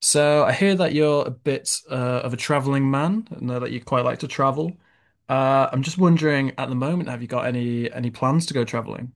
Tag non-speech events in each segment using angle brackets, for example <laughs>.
So I hear that you're a bit of a traveling man. I know that you quite like to travel. I'm just wondering, at the moment, have you got any plans to go traveling?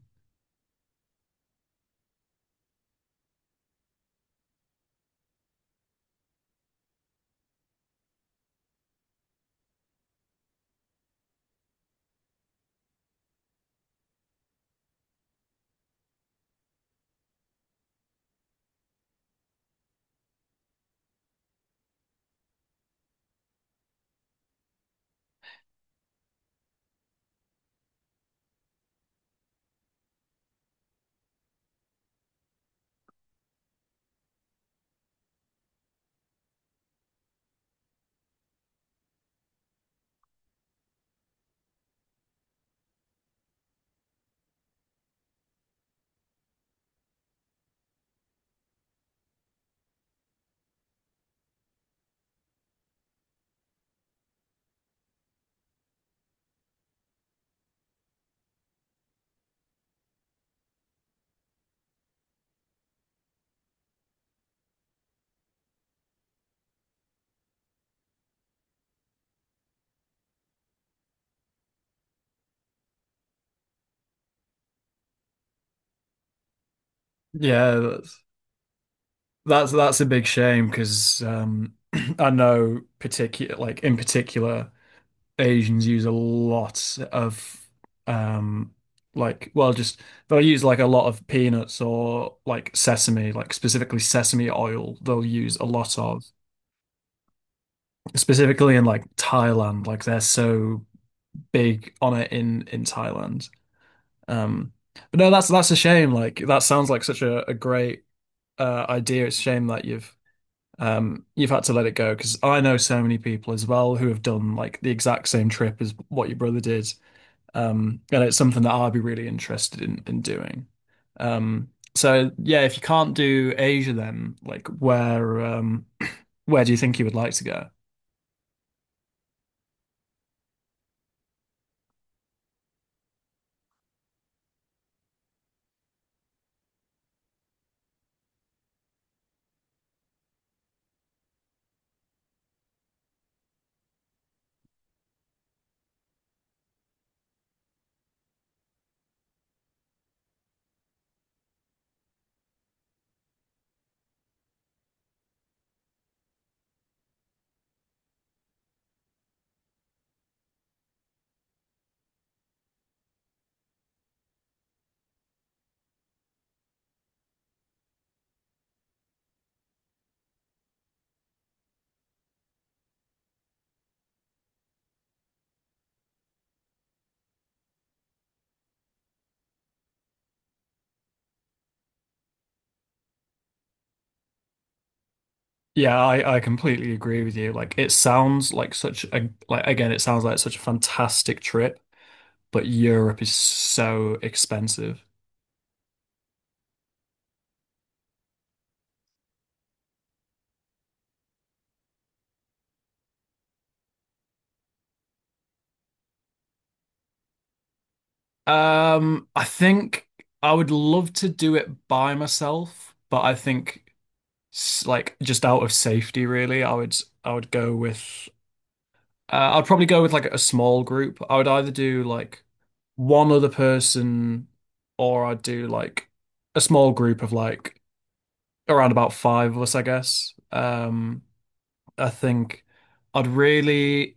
Yeah, that's a big shame because <clears throat> I know particular like in particular Asians use a lot of um, like well just they'll use like a lot of peanuts or like sesame, like specifically sesame oil, they'll use a lot of specifically in like Thailand, like they're so big on it in Thailand. Um, but no, that's a shame. Like that sounds like such a great idea. It's a shame that you've had to let it go because I know so many people as well who have done like the exact same trip as what your brother did. And it's something that I'd be really interested in doing. Um, so yeah, if you can't do Asia, then like where do you think you would like to go? Yeah, I completely agree with you. Like it sounds like such a, like again, it sounds like such a fantastic trip, but Europe is so expensive. I think I would love to do it by myself, but I think like just out of safety really, I would go with I'd probably go with like a small group. I would either do like one other person or I'd do like a small group of like around about five of us, I guess. I think I'd really,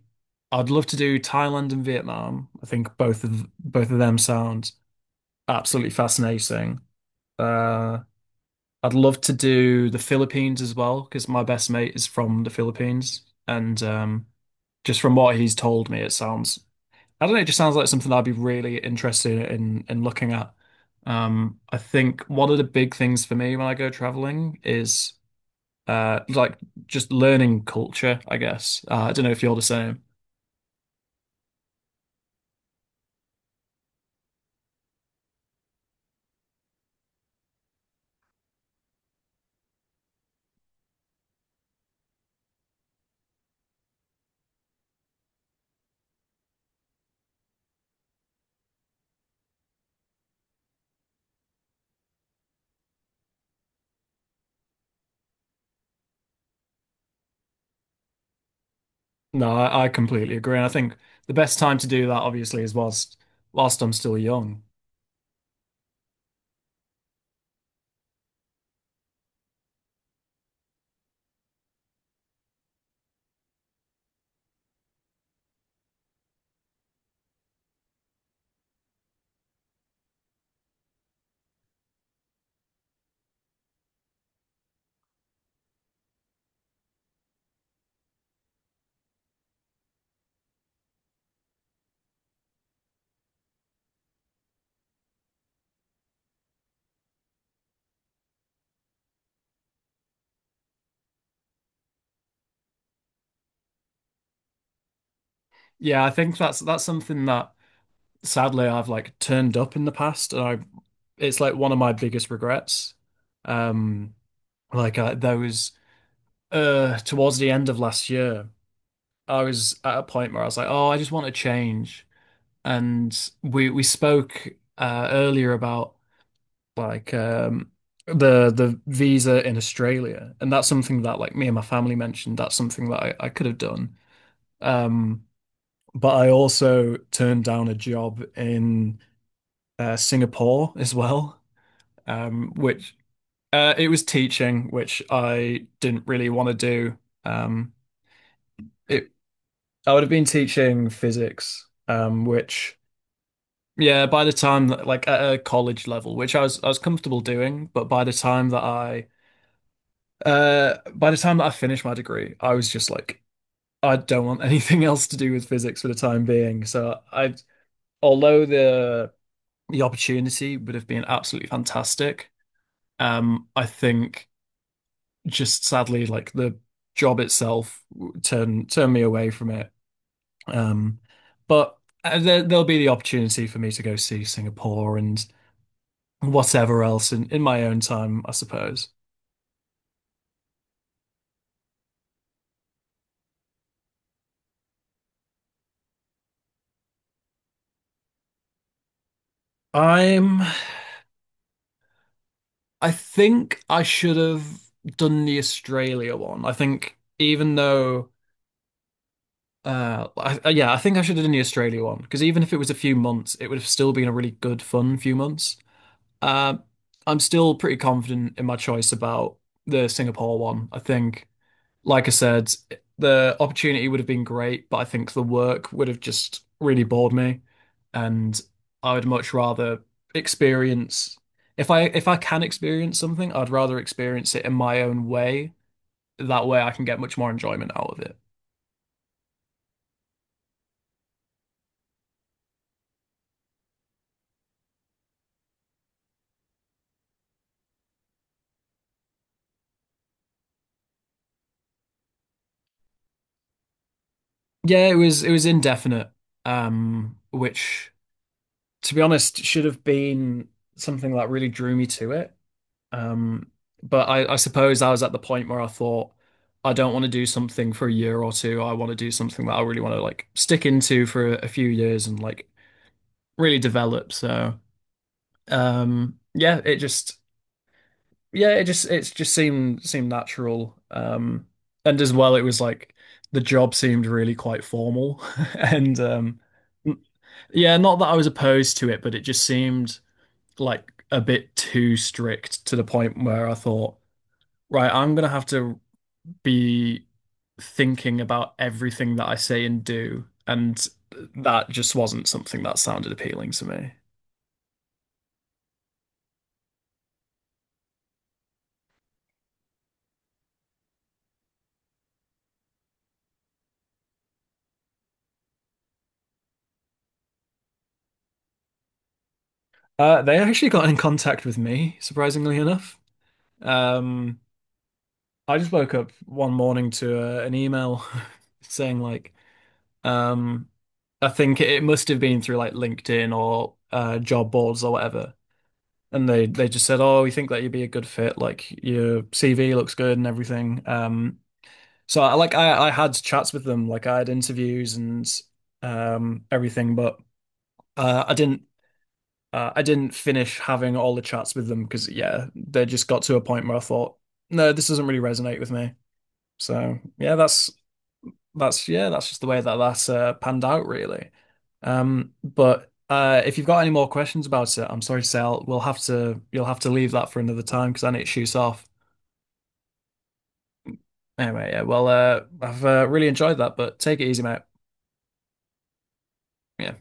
I'd love to do Thailand and Vietnam. I think both of them sound absolutely fascinating. Uh, I'd love to do the Philippines as well because my best mate is from the Philippines, and just from what he's told me, it sounds, I don't know, it just sounds like something I'd be really interested in looking at. I think one of the big things for me when I go traveling is uh like just learning culture, I guess. I don't know if you're the same. No, I completely agree. And I think the best time to do that obviously is whilst I'm still young. Yeah, I think that's something that sadly I've like turned up in the past, and I, it's like one of my biggest regrets. Um there was towards the end of last year, I was at a point where I was like, "Oh, I just want to change." And we spoke earlier about like um the visa in Australia, and that's something that, like, me and my family mentioned that's something that I could have done, um but I also turned down a job in Singapore as well, which it was teaching, which I didn't really want to do. um it, I would have been teaching physics, which yeah, by the time that, like at a college level, which I was comfortable doing, but by the time that I by the time that I finished my degree, I was just like, I don't want <laughs> anything else to do with physics for the time being. So I, although the opportunity would have been absolutely fantastic, I think just sadly, like the job itself turned me away from it. Um, but there, there'll be the opportunity for me to go see Singapore and whatever else in my own time, I suppose. I'm I think I should have done the Australia one. I think even though, yeah, I think I should have done the Australia one because even if it was a few months, it would have still been a really good, fun few months. Um, I'm still pretty confident in my choice about the Singapore one. I think, like I said, the opportunity would have been great, but I think the work would have just really bored me. And I would much rather experience, if I can experience something, I'd rather experience it in my own way. That way I can get much more enjoyment out of it. Yeah, it was indefinite, which to be honest should have been something that really drew me to it. Um, but I suppose I was at the point where I thought, I don't want to do something for a year or two. I want to do something that I really want to like stick into for a few years and like really develop. So, um, yeah, it just, yeah, it just, it's just seemed, seemed natural. And as well, it was like the job seemed really quite formal. <laughs> And, yeah, not that I was opposed to it, but it just seemed like a bit too strict to the point where I thought, right, I'm gonna have to be thinking about everything that I say and do, and that just wasn't something that sounded appealing to me. They actually got in contact with me, surprisingly enough. Um, I just woke up one morning to an email <laughs> saying like, um, I think it must have been through like LinkedIn or job boards or whatever. And they just said, "Oh, we think that you'd be a good fit. Like your CV looks good and everything." So I like I had chats with them, like I had interviews and everything, but uh, I didn't I didn't finish having all the chats with them because yeah, they just got to a point where I thought, no, this doesn't really resonate with me. So yeah, that's yeah, that's just the way that that panned out really. But if you've got any more questions about it, I'm sorry to say we'll have to you'll have to leave that for another time because I need to shoot off. Anyway, yeah, well, I've really enjoyed that, but take it easy, mate. Yeah.